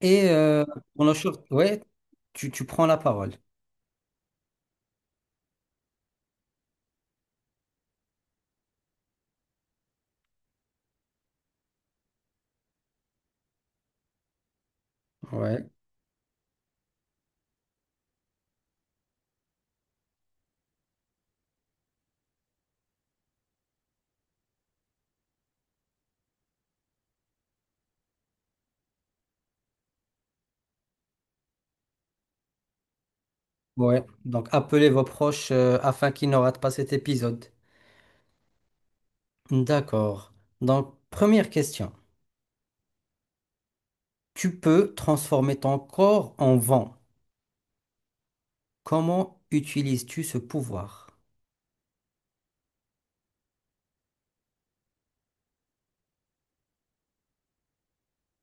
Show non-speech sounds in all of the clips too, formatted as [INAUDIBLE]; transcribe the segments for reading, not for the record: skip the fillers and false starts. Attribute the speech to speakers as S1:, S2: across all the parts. S1: Et euh, pour nos choses, ouais, tu prends la parole. Ouais. Ouais, donc appelez vos proches afin qu'ils ne ratent pas cet épisode. D'accord. Donc, première question. Tu peux transformer ton corps en vent. Comment utilises-tu ce pouvoir?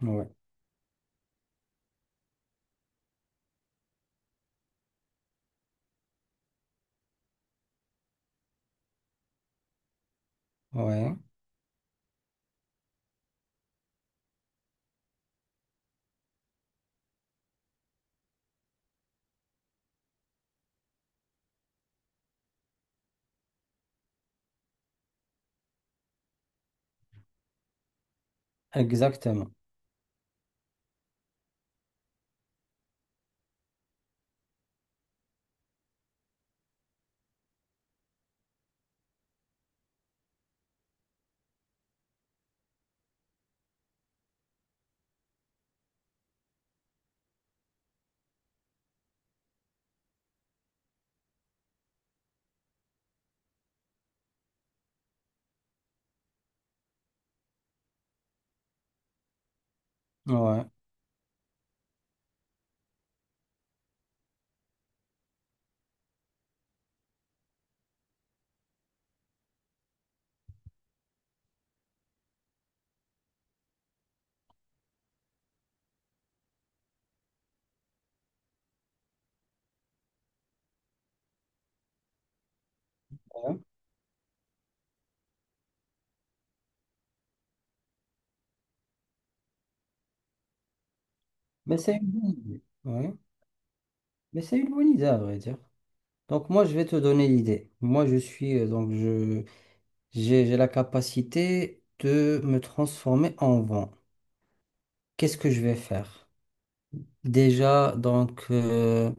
S1: Ouais, ouais, Exactement. Ouais, ouais. Mais c'est une bonne idée. Ouais. Mais c'est une bonne idée, à vrai dire. Donc, moi, je vais te donner l'idée. Moi, je suis, donc, je, j'ai la capacité de me transformer en vent. Qu'est-ce que je vais faire? Déjà,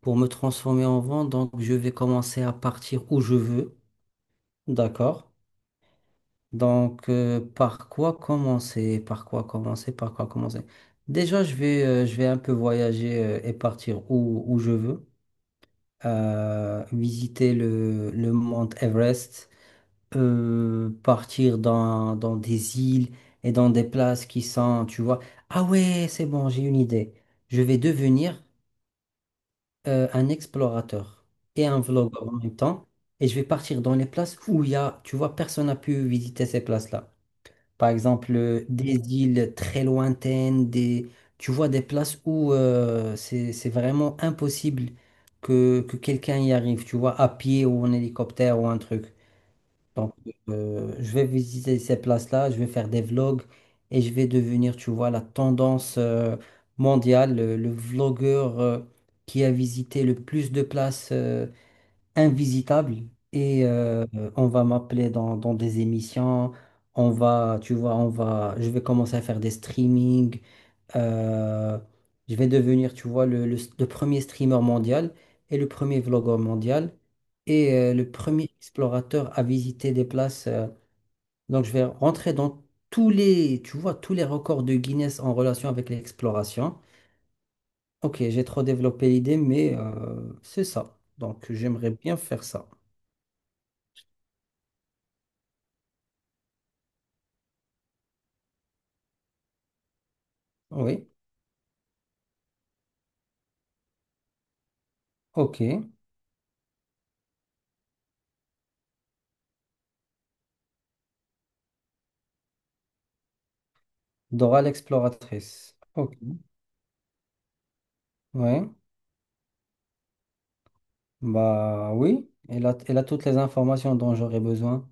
S1: pour me transformer en vent, donc, je vais commencer à partir où je veux. D'accord? Donc, par quoi commencer? Par quoi commencer? Par quoi commencer? Déjà, je vais un peu voyager, et partir où je veux. Visiter le mont Everest. Euh, partir dans des îles et dans des places qui sont, tu vois. Ah ouais, c'est bon, j'ai une idée. Je vais devenir un explorateur et un vlogueur en même temps. Et je vais partir dans les places où il y a, tu vois, personne n'a pu visiter ces places-là. Par exemple, des îles très lointaines, des, tu vois, des places où c'est vraiment impossible que quelqu'un y arrive, tu vois, à pied ou en hélicoptère ou un truc. Donc, je vais visiter ces places-là, je vais faire des vlogs et je vais devenir, tu vois, la tendance mondiale, le vlogueur qui a visité le plus de places invisitables. Et on va m'appeler dans des émissions, on va, tu vois, on va, je vais commencer à faire des streamings, euh, je vais devenir, tu vois, le premier streamer mondial et le premier vlogueur mondial et le premier explorateur à visiter des places. Donc, je vais rentrer dans tous les, tu vois, tous les records de Guinness en relation avec l'exploration. Ok, j'ai trop développé l'idée, mais c'est ça. Donc, j'aimerais bien faire ça. Oui, ok. Dora l'exploratrice. Ok, ouais. Bah oui, elle a toutes les informations dont j'aurais besoin.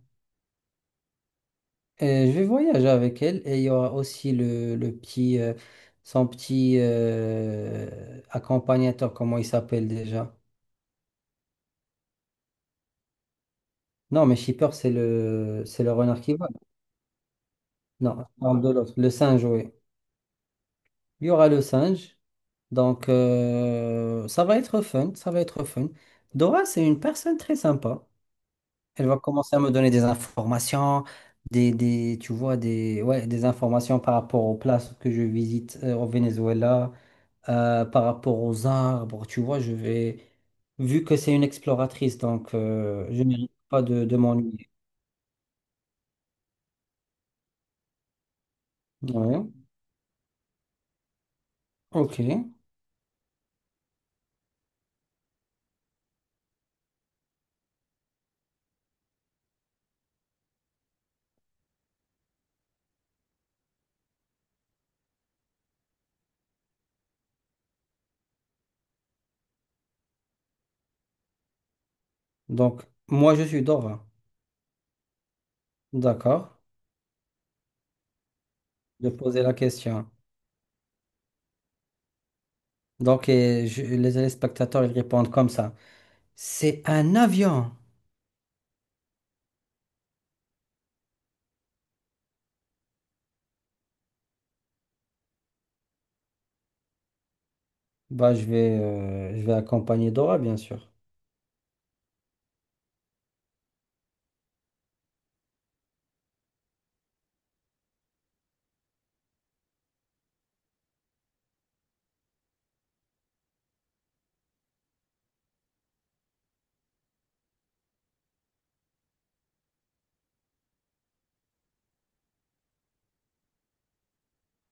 S1: Je vais voyager avec elle et il y aura aussi le petit, son petit accompagnateur, comment il s'appelle déjà? Non, mais Shipper, c'est c'est le renard qui vole. Non, je parle de l'autre, le singe, oui. Il y aura le singe, donc ça va être fun, ça va être fun. Dora, c'est une personne très sympa. Elle va commencer à me donner des informations, des, tu vois, des, ouais, des informations par rapport aux places que je visite au Venezuela. Euh, par rapport aux arbres. Tu vois, vu que c'est une exploratrice, donc je ne mérite pas de m'ennuyer. Ouais. Ok. Donc, moi, je suis Dora. D'accord. Je posais la question. Les téléspectateurs, ils répondent comme ça. C'est un avion. Bah, je vais accompagner Dora, bien sûr.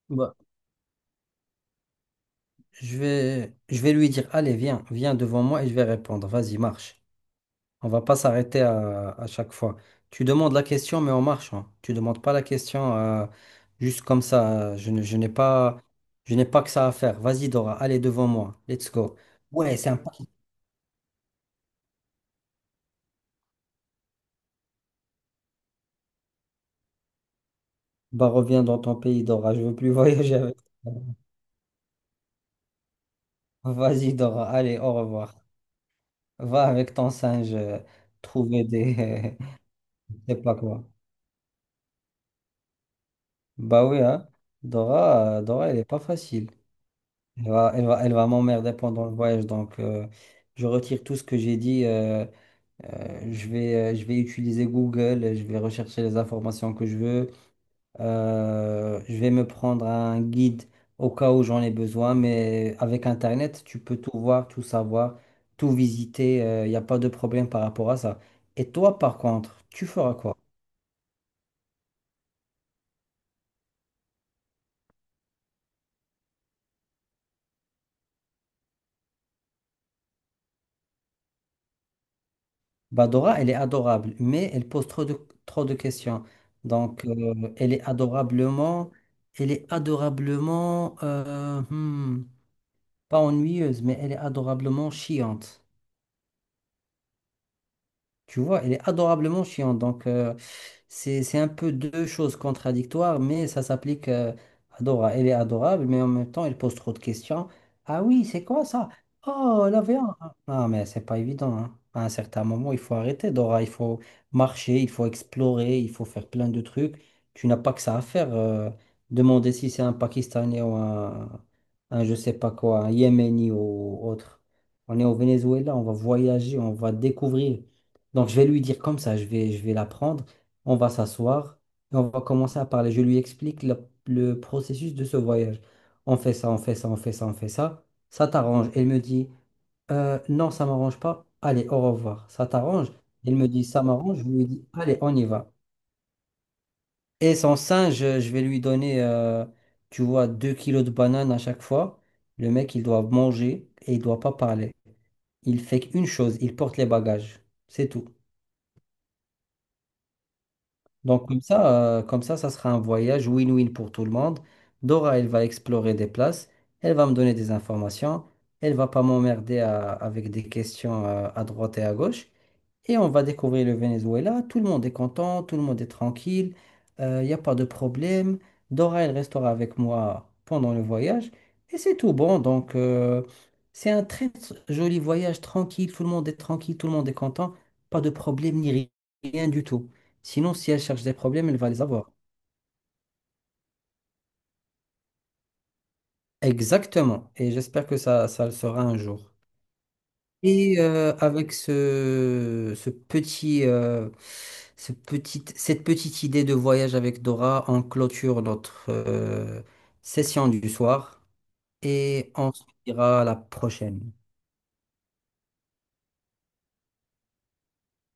S1: Bah, je vais lui dire, allez, viens, viens devant moi et je vais répondre. Vas-y, marche. On va pas s'arrêter à chaque fois. Tu demandes la question, mais en marchant. Tu demandes pas la question juste comme ça. Je n'ai pas, je n'ai pas que ça à faire. Vas-y, Dora, allez devant moi. Let's go. Ouais, c'est un paquet. Bah, reviens dans ton pays, Dora. Je veux plus [LAUGHS] voyager avec toi. Vas-y, Dora. Allez, au revoir. Va avec ton singe trouver des. [LAUGHS] Je sais pas quoi. Bah oui, hein. Dora, elle est pas facile. Elle va m'emmerder pendant le voyage. Donc, je retire tout ce que j'ai dit. Je vais utiliser Google, je vais rechercher les informations que je veux. Je vais me prendre un guide au cas où j'en ai besoin, mais avec Internet, tu peux tout voir, tout savoir, tout visiter. Il n'y a pas de problème par rapport à ça. Et toi, par contre, tu feras quoi? Bah, Dora, elle est adorable, mais elle pose trop trop de questions. Donc, elle est adorablement, pas ennuyeuse, mais elle est adorablement chiante. Tu vois, elle est adorablement chiante. Donc, c'est un peu deux choses contradictoires, mais ça s'applique à Dora. Elle est adorable, mais en même temps, elle pose trop de questions. Ah oui, c'est quoi ça? Oh, la viande. Non, mais c'est pas évident. Hein. À un certain moment, il faut arrêter, Dora. Il faut marcher, il faut explorer, il faut faire plein de trucs. Tu n'as pas que ça à faire. Euh, demander si c'est un Pakistanais ou un je sais pas quoi, un Yéméni ou autre. On est au Venezuela, on va voyager, on va découvrir. Donc, je vais lui dire comme ça, je vais la prendre, on va s'asseoir et on va commencer à parler. Je lui explique le processus de ce voyage. On fait ça, on fait ça, on fait ça, on fait ça. Ça t'arrange. Elle me dit, euh, non, ça m'arrange pas. Allez, au revoir. Ça t'arrange? Elle me dit, ça m'arrange. Je lui dis, allez, on y va. Et son singe, je vais lui donner, tu vois, 2 kilos de bananes à chaque fois. Le mec, il doit manger et il doit pas parler. Il fait qu'une chose, il porte les bagages. C'est tout. Donc comme ça, ça sera un voyage win-win pour tout le monde. Dora, elle va explorer des places, elle va me donner des informations, elle va pas m'emmerder avec des questions à droite et à gauche. Et on va découvrir le Venezuela. Tout le monde est content, tout le monde est tranquille, il n'y a pas de problème. Dora, elle restera avec moi pendant le voyage. Et c'est tout bon. Donc, c'est un joli voyage tranquille. Tout le monde est tranquille, tout le monde est content. Pas de problème ni rien du tout. Sinon, si elle cherche des problèmes, elle va les avoir. Exactement. Et j'espère que ça le sera un jour. Et avec ce petit, cette petite idée de voyage avec Dora, on clôture notre session du soir et on se dira à la prochaine.